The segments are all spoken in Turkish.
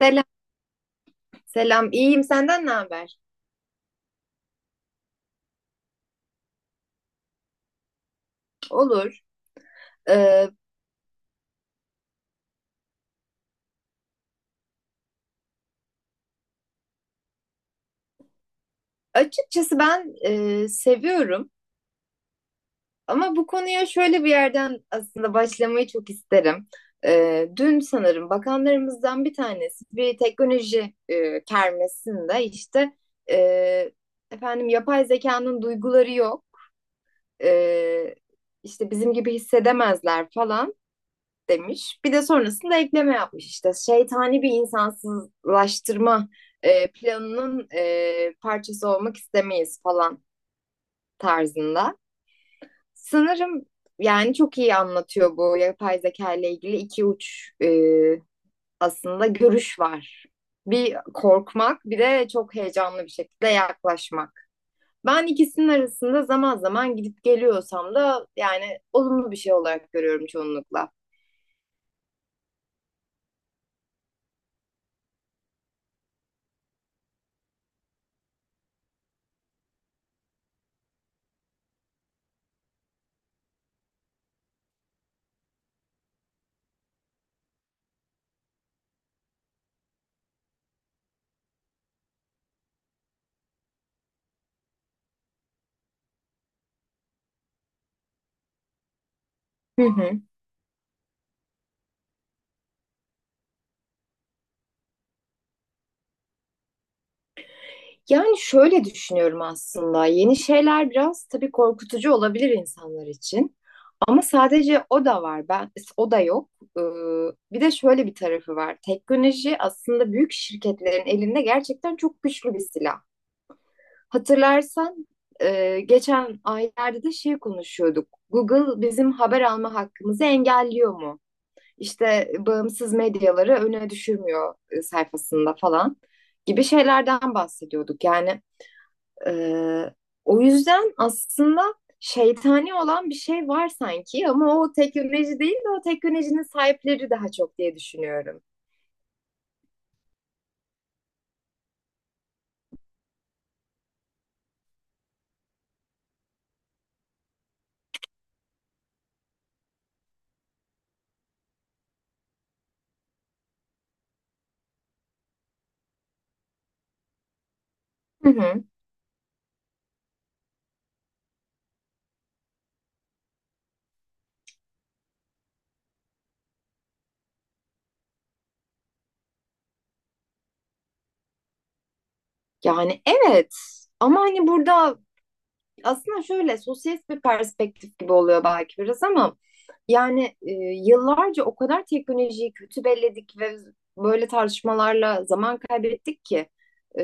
Selam, selam. İyiyim. Senden ne haber? Olur. Ee, açıkçası ben seviyorum ama bu konuya şöyle bir yerden aslında başlamayı çok isterim. Dün sanırım bakanlarımızdan bir tanesi bir teknoloji kermesinde işte e, efendim yapay zekanın duyguları yok. E, işte bizim gibi hissedemezler falan demiş. Bir de sonrasında ekleme yapmış işte. Şeytani bir insansızlaştırma planının parçası olmak istemeyiz falan tarzında. Sanırım yani çok iyi anlatıyor bu yapay zeka ile ilgili iki uç aslında görüş var. Bir korkmak bir de çok heyecanlı bir şekilde yaklaşmak. Ben ikisinin arasında zaman zaman gidip geliyorsam da yani olumlu bir şey olarak görüyorum çoğunlukla. Hı hı. Yani şöyle düşünüyorum aslında. Yeni şeyler biraz tabii korkutucu olabilir insanlar için. Ama sadece o da var. Ben o da yok. Ee, bir de şöyle bir tarafı var. Teknoloji aslında büyük şirketlerin elinde gerçekten çok güçlü bir silah. Hatırlarsan geçen aylarda da şey konuşuyorduk. Google bizim haber alma hakkımızı engelliyor mu? İşte bağımsız medyaları öne düşürmüyor sayfasında falan gibi şeylerden bahsediyorduk. Yani ee, o yüzden aslında şeytani olan bir şey var sanki ama o teknoloji değil de o teknolojinin sahipleri daha çok diye düşünüyorum. Hı hı. Yani evet ama hani burada aslında şöyle sosyalist bir perspektif gibi oluyor belki biraz ama yani, yıllarca o kadar teknolojiyi kötü belledik ve böyle tartışmalarla zaman kaybettik ki e,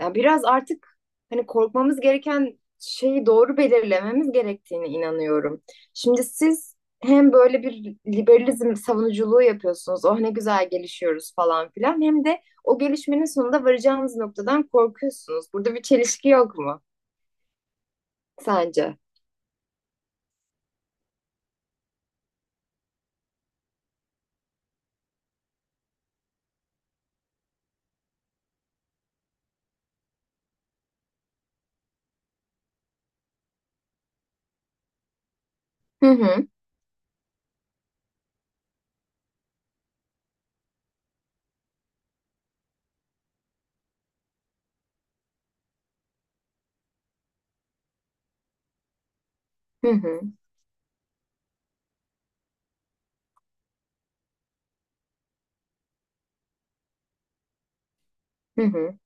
yani biraz artık hani korkmamız gereken şeyi doğru belirlememiz gerektiğine inanıyorum. Şimdi siz hem böyle bir liberalizm savunuculuğu yapıyorsunuz. Oh ne güzel gelişiyoruz falan filan. Hem de o gelişmenin sonunda varacağınız noktadan korkuyorsunuz. Burada bir çelişki yok mu sence? Hı hı, hı hı, hı hı.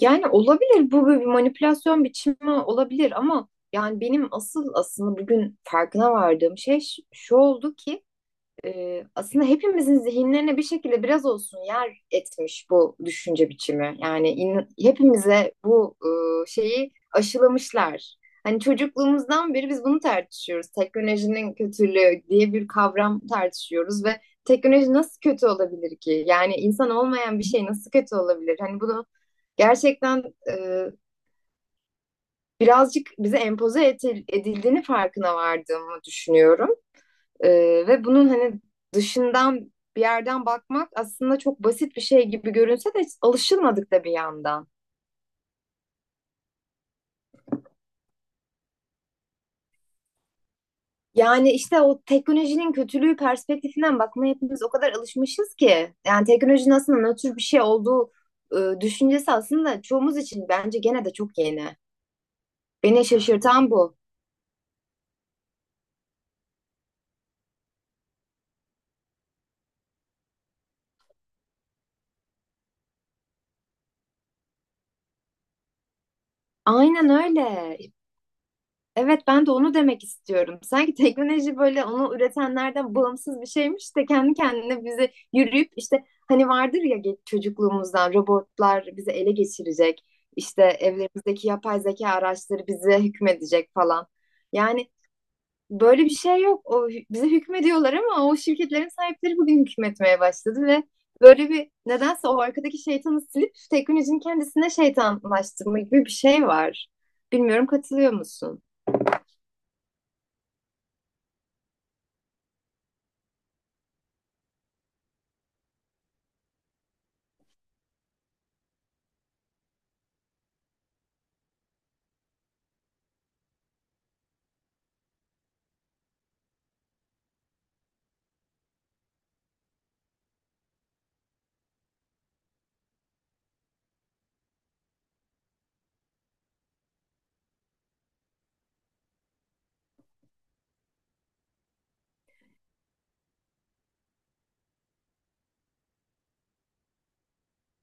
Yani olabilir bu bir manipülasyon biçimi olabilir ama yani benim asıl aslında bugün farkına vardığım şey şu oldu ki, aslında hepimizin zihinlerine bir şekilde biraz olsun yer etmiş bu düşünce biçimi. Yani hepimize bu şeyi aşılamışlar. Hani çocukluğumuzdan beri biz bunu tartışıyoruz. Teknolojinin kötülüğü diye bir kavram tartışıyoruz ve teknoloji nasıl kötü olabilir ki? Yani insan olmayan bir şey nasıl kötü olabilir? Hani bunu gerçekten e, birazcık bize edildiğini farkına vardığımı düşünüyorum. Ve bunun hani dışından bir yerden bakmak aslında çok basit bir şey gibi görünse de alışılmadık da bir yandan. Yani işte o teknolojinin kötülüğü perspektifinden bakmaya hepimiz o kadar alışmışız ki. Yani teknolojinin aslında nötr bir şey olduğu düşüncesi aslında çoğumuz için bence gene de çok yeni. Beni şaşırtan bu. Aynen öyle. Evet ben de onu demek istiyorum. Sanki teknoloji böyle onu üretenlerden bağımsız bir şeymiş de kendi kendine bizi yürüyüp işte hani vardır ya çocukluğumuzdan robotlar bizi ele geçirecek. İşte evlerimizdeki yapay zeka araçları bize hükmedecek falan. Yani böyle bir şey yok. O bize hükmediyorlar ama o şirketlerin sahipleri bugün hükmetmeye başladı ve böyle bir nedense o arkadaki şeytanı silip teknolojinin kendisine şeytanlaştırma gibi bir şey var. Bilmiyorum katılıyor musun?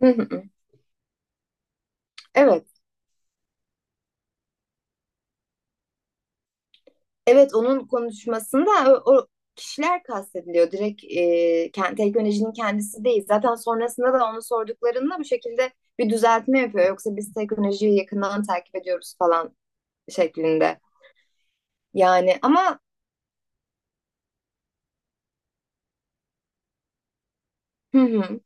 Evet, evet onun konuşmasında o kişiler kastediliyor. Direkt teknolojinin kendisi değil. Zaten sonrasında da onu sorduklarında bu şekilde bir düzeltme yapıyor. Yoksa biz teknolojiyi yakından takip ediyoruz falan şeklinde. Yani ama hı hı.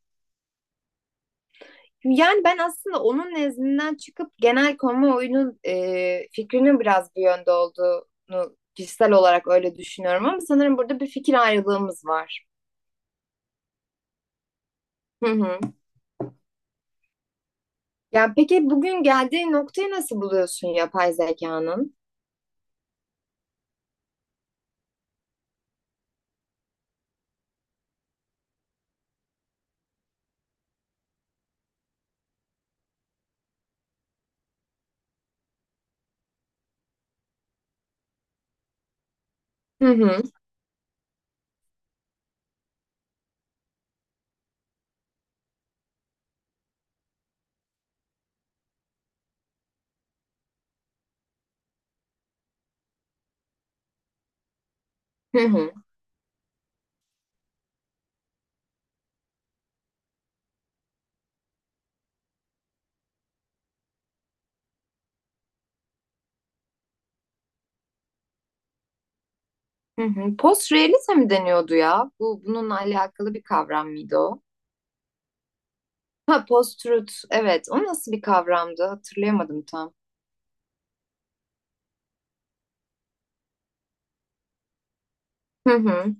Yani ben aslında onun nezdinden çıkıp genel kamuoyunun fikrinin biraz bu yönde olduğunu kişisel olarak öyle düşünüyorum. Ama sanırım burada bir fikir ayrılığımız var. Hı hı. Ya peki bugün geldiği noktayı nasıl buluyorsun yapay zekanın? Hı hı, hı hı, hı hı. Post-realism mi deniyordu ya? Bu bununla alakalı bir kavram mıydı o? Ha post-truth, evet. O nasıl bir kavramdı? Hatırlayamadım tam. Hı hı.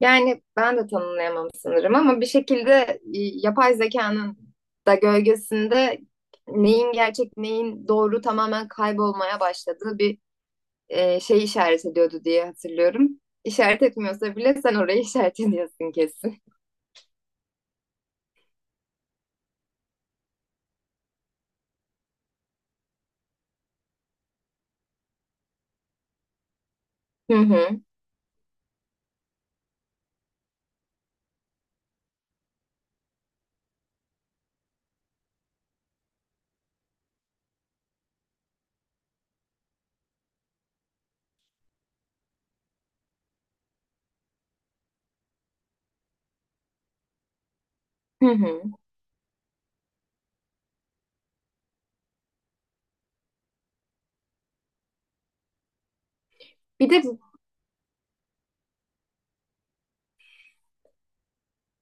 Yani ben de tanımlayamam sanırım ama bir şekilde yapay zekanın da gölgesinde neyin gerçek, neyin doğru tamamen kaybolmaya başladığı bir şey işaret ediyordu diye hatırlıyorum. İşaret etmiyorsa bile sen orayı işaret ediyorsun kesin. Hı hı. Hı hı. Bir de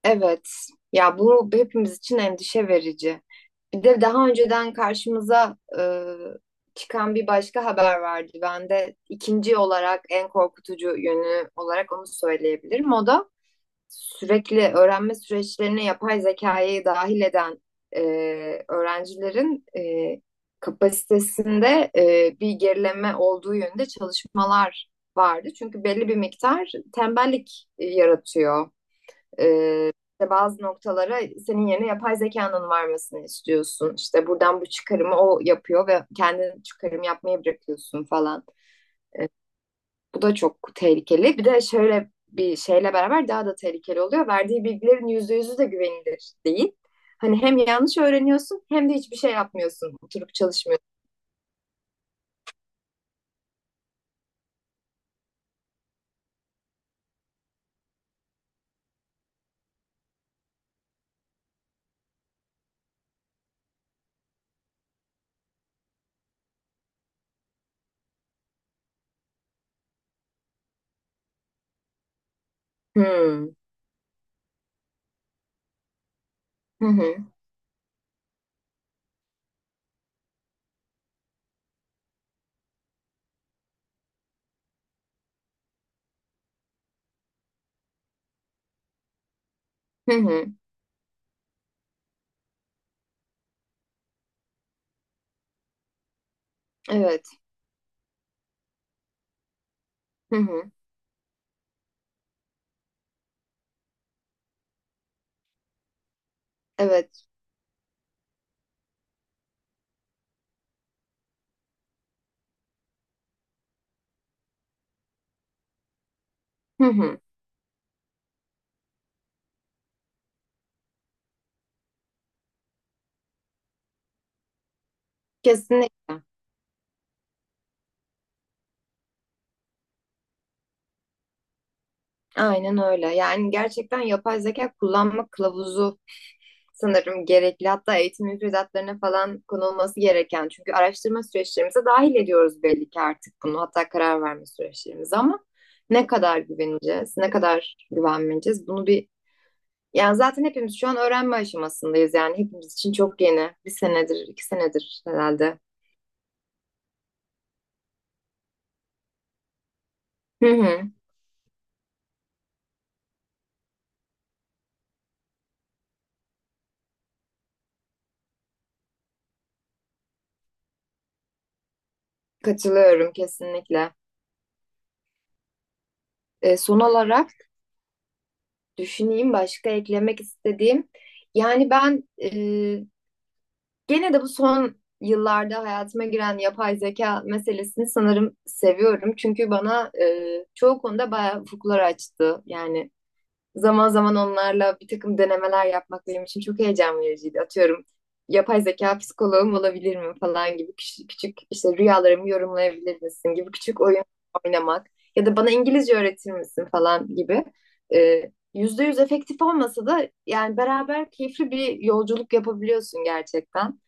evet ya bu hepimiz için endişe verici. Bir de daha önceden karşımıza çıkan bir başka haber vardı. Ben de ikinci olarak en korkutucu yönü olarak onu söyleyebilirim. O da sürekli öğrenme süreçlerine yapay zekayı dahil eden e, öğrencilerin kapasitesinde bir gerileme olduğu yönünde çalışmalar vardı. Çünkü belli bir miktar tembellik yaratıyor. E, işte bazı noktalara senin yerine yapay zekanın varmasını istiyorsun. İşte buradan bu çıkarımı o yapıyor ve kendin çıkarım yapmayı bırakıyorsun falan. E, bu da çok tehlikeli. Bir de şöyle bir şeyle beraber daha da tehlikeli oluyor. Verdiği bilgilerin %100'ü de güvenilir değil. Hani hem yanlış öğreniyorsun hem de hiçbir şey yapmıyorsun. Oturup çalışmıyorsun. Hmm. Hı hı. Hı hı. Evet. Hı hı. Evet. Hı hı. Kesinlikle. Aynen öyle. Yani gerçekten yapay zeka kullanma kılavuzu sanırım gerekli. Hatta eğitim müfredatlarına falan konulması gereken. Çünkü araştırma süreçlerimize dahil ediyoruz belli ki artık bunu. Hatta karar verme süreçlerimize ama ne kadar güveneceğiz, ne kadar güvenmeyeceğiz bunu bir... Yani zaten hepimiz şu an öğrenme aşamasındayız. Yani hepimiz için çok yeni. Bir senedir, iki senedir herhalde. Hı hı. Katılıyorum kesinlikle. Son olarak düşüneyim başka eklemek istediğim. Yani ben, gene de bu son yıllarda hayatıma giren yapay zeka meselesini sanırım seviyorum. Çünkü bana çoğu konuda bayağı ufuklar açtı. Yani zaman zaman onlarla bir takım denemeler yapmak benim için çok heyecan vericiydi. Atıyorum yapay zeka psikoloğum olabilir mi falan gibi küçük, küçük işte rüyalarımı yorumlayabilir misin gibi küçük oyun oynamak ya da bana İngilizce öğretir misin falan gibi. %100 efektif olmasa da yani beraber keyifli bir yolculuk yapabiliyorsun gerçekten.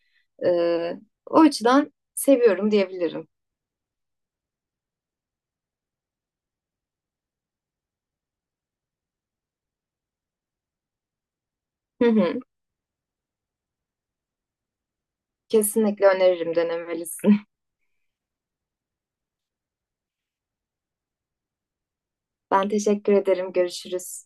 Ee, o açıdan seviyorum diyebilirim. Hı hı. Kesinlikle öneririm denemelisin. Ben teşekkür ederim. Görüşürüz.